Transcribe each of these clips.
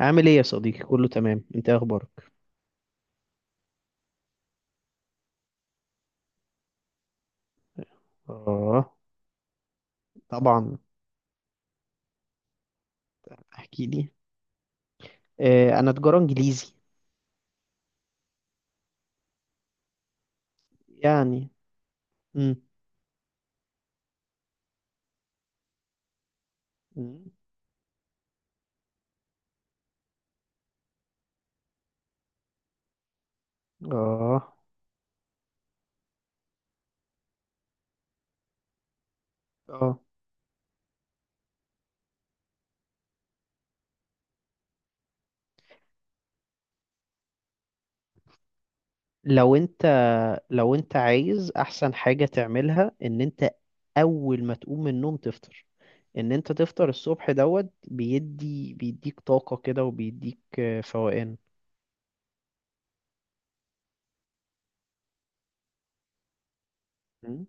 عامل ايه يا صديقي، كله تمام، انت إيه اخبارك؟ اه، طبعا. احكي لي. آه، انا تجارة انجليزي. يعني. امم اه. اه، لو انت لو انت عايز احسن حاجة تعملها ان انت اول ما تقوم من النوم تفطر. ان انت تفطر الصبح دوت بيديك طاقة كده، وبيديك فوقان. مم.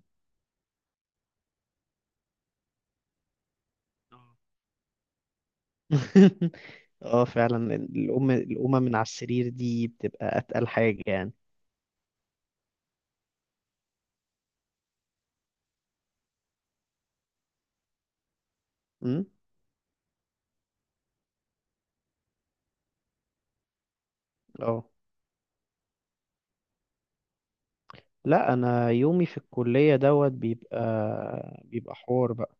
اه، فعلا القومة من على السرير دي بتبقى اتقل حاجة يعني. اه، لا، انا يومي في الكلية دوت بيبقى حوار بقى.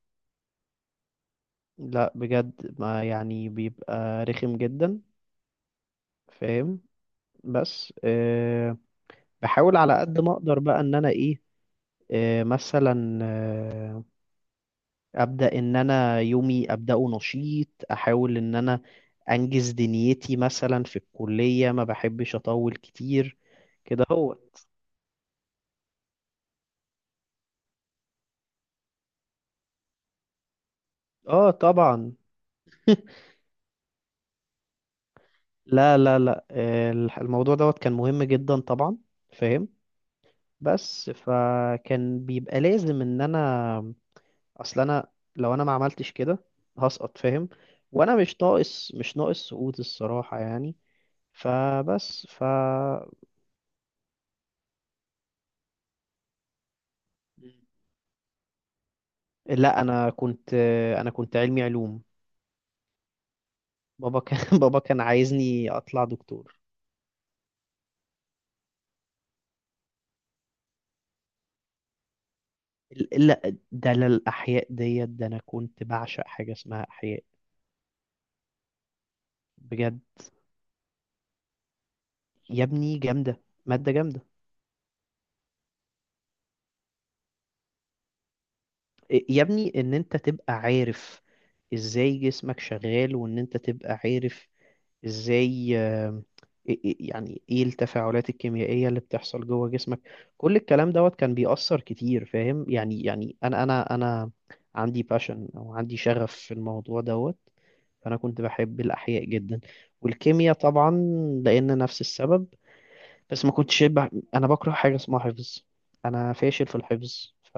لا، بجد، ما يعني بيبقى رخم جدا. فاهم. بس بحاول على قد ما اقدر بقى ان انا ايه. مثلا ابدا ان انا يومي ابداه نشيط، احاول ان انا انجز دنيتي مثلا في الكلية، ما بحبش اطول كتير. كده هو. اه، طبعا. لا لا لا، الموضوع دوت كان مهم جدا طبعا. فاهم. بس فكان بيبقى لازم ان انا، اصل انا، لو انا ما عملتش كده هسقط. فاهم. وانا مش ناقص، سقوط الصراحة يعني. فبس ف. لا، انا كنت علمي علوم. بابا كان بابا كان عايزني اطلع دكتور. لا، ده للاحياء ديت، ده انا كنت بعشق حاجة اسمها احياء. بجد. يا ابني جامدة، مادة جامدة. يا ابني، ان انت تبقى عارف ازاي جسمك شغال، وان انت تبقى عارف ازاي، يعني ايه التفاعلات الكيميائية اللي بتحصل جوه جسمك. كل الكلام دوت كان بيأثر كتير، فاهم يعني انا عندي باشن، او عندي شغف في الموضوع دوت. فانا كنت بحب الاحياء جدا، والكيمياء طبعا، لان نفس السبب. بس ما كنتش بح... انا بكره حاجة اسمها حفظ. انا فاشل في الحفظ ف.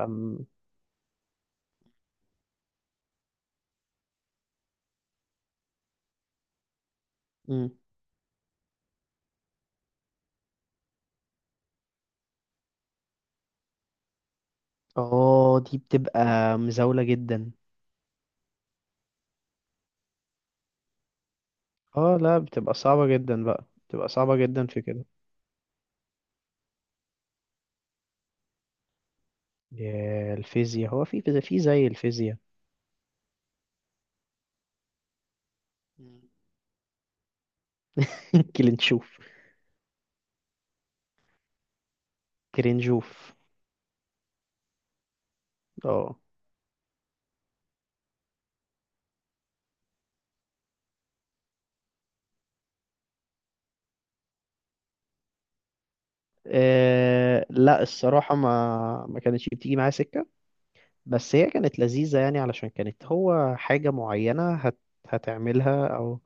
اه، دي بتبقى مزاولة جدا. اه، لا، بتبقى صعبة جدا بقى، بتبقى صعبة جدا في كده. يا الفيزياء، هو في فيزياء، في زي الفيزياء. مم. كلينشوف. كلينشوف. اه. لا، الصراحة ما كانتش بتيجي معايا سكة. بس هي كانت لذيذة يعني، علشان كانت هو حاجة معينة هتعملها أو.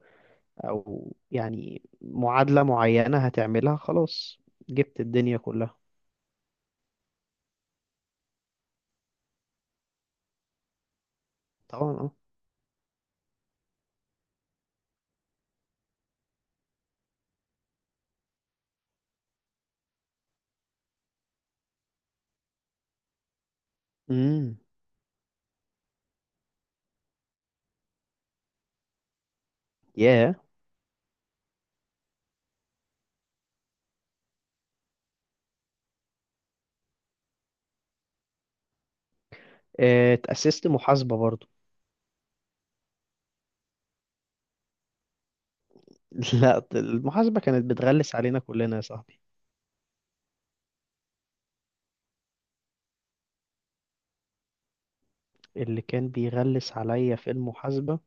يعني معادلة معينة هتعملها، خلاص جبت الدنيا كلها. طبعا، اه. امم. آه، اتأسست محاسبة برضو. لا، المحاسبة كانت بتغلس علينا كلنا يا صاحبي. اللي كان بيغلس عليا في المحاسبة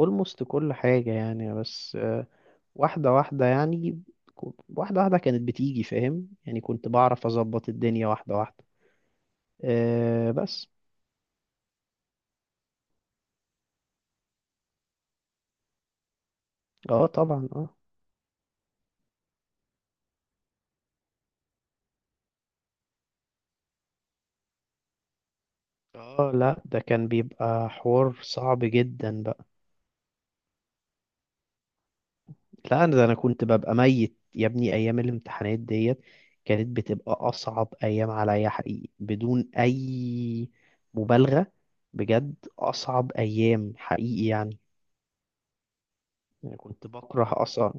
almost كل حاجة يعني. بس واحدة واحدة يعني. واحدة واحدة كانت بتيجي، فاهم يعني، كنت بعرف أظبط الدنيا واحدة واحدة. أه بس. اه، طبعا. اه اه، لا، ده كان بيبقى حوار صعب جدا بقى. لا، انا ده انا كنت ببقى ميت يا ابني، ايام الامتحانات ديت كانت بتبقى اصعب ايام عليا حقيقي، بدون اي مبالغه. بجد اصعب ايام حقيقي يعني. أنا كنت بكره اصلا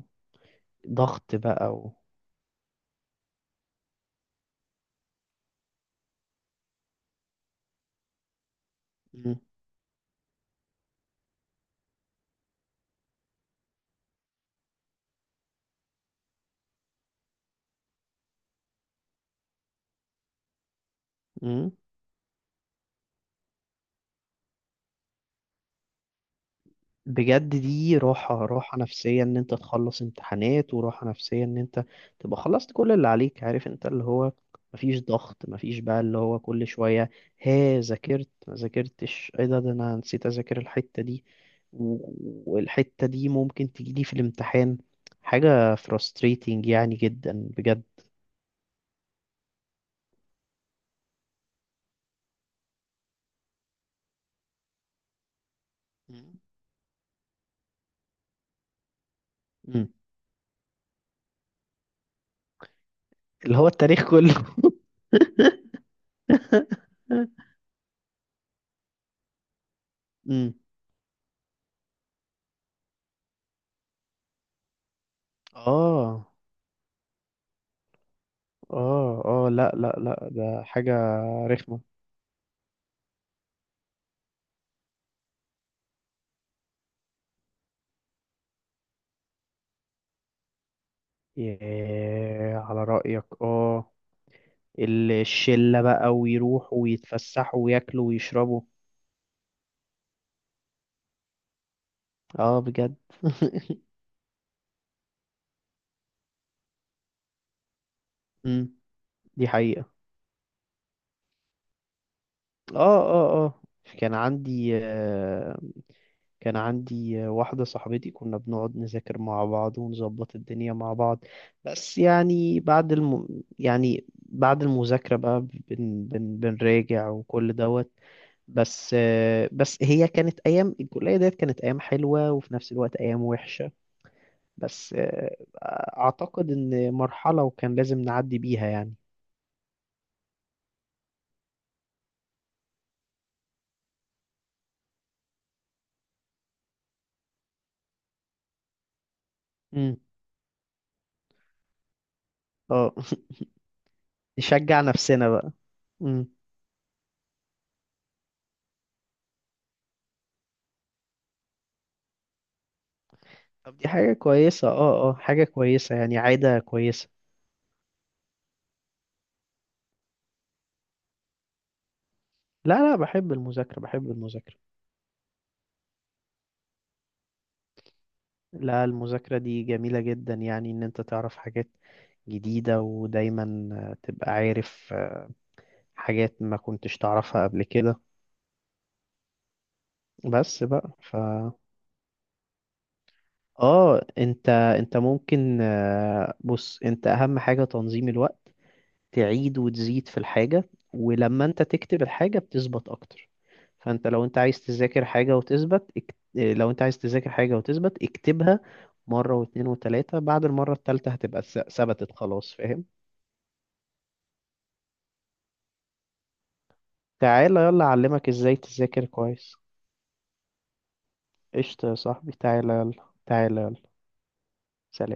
ضغط بقى و... مم. مم. بجد، دي راحة، نفسية ان انت تخلص امتحانات، وراحة نفسية ان انت تبقى خلصت كل اللي عليك، عارف انت اللي هو مفيش ضغط، مفيش بقى اللي هو كل شوية، ها ذاكرت ما ذاكرتش، ايه ده انا نسيت اذاكر الحتة دي، و- والحتة دي ممكن تجيلي في الامتحان. حاجة frustrating يعني جدا. بجد. مم. مم. اللي هو التاريخ كله. مم. اه اه اه، لا لا لا، ده حاجة رخمة. ياه، على رأيك اه، الشلة بقى، ويروحوا ويتفسحوا وياكلوا ويشربوا. اه، بجد. مم، دي حقيقة. اه اه اه. كان عندي آه، كان عندي واحدة صاحبتي كنا بنقعد نذاكر مع بعض ونظبط الدنيا مع بعض. بس يعني بعد يعني بعد المذاكرة بقى بنراجع وكل دوت. بس هي كانت أيام الكلية ديت، كانت أيام حلوة وفي نفس الوقت أيام وحشة. بس اعتقد ان مرحلة وكان لازم نعدي بيها يعني. امم. اه. نشجع نفسنا بقى. امم. طب، دي حاجة كويسة، اه اه، حاجة كويسة يعني، عادة كويسة. لا لا، بحب المذاكرة، بحب المذاكرة. لا، المذاكرة دي جميلة جدا يعني، ان انت تعرف حاجات جديدة، ودايما تبقى عارف حاجات ما كنتش تعرفها قبل كده. بس بقى ف. اه، انت ممكن، بص، انت اهم حاجة تنظيم الوقت، تعيد وتزيد في الحاجة، ولما انت تكتب الحاجة بتثبت اكتر. فانت لو انت عايز تذاكر حاجة وتثبت لو انت عايز تذاكر حاجة وتثبت اكتبها مرة واتنين وتلاتة، بعد المرة التالتة هتبقى ثبتت خلاص، فاهم. تعالى يلا اعلمك ازاي تذاكر كويس. قشطة يا صاحبي، تعالى يلا تعالى يلا. سلام.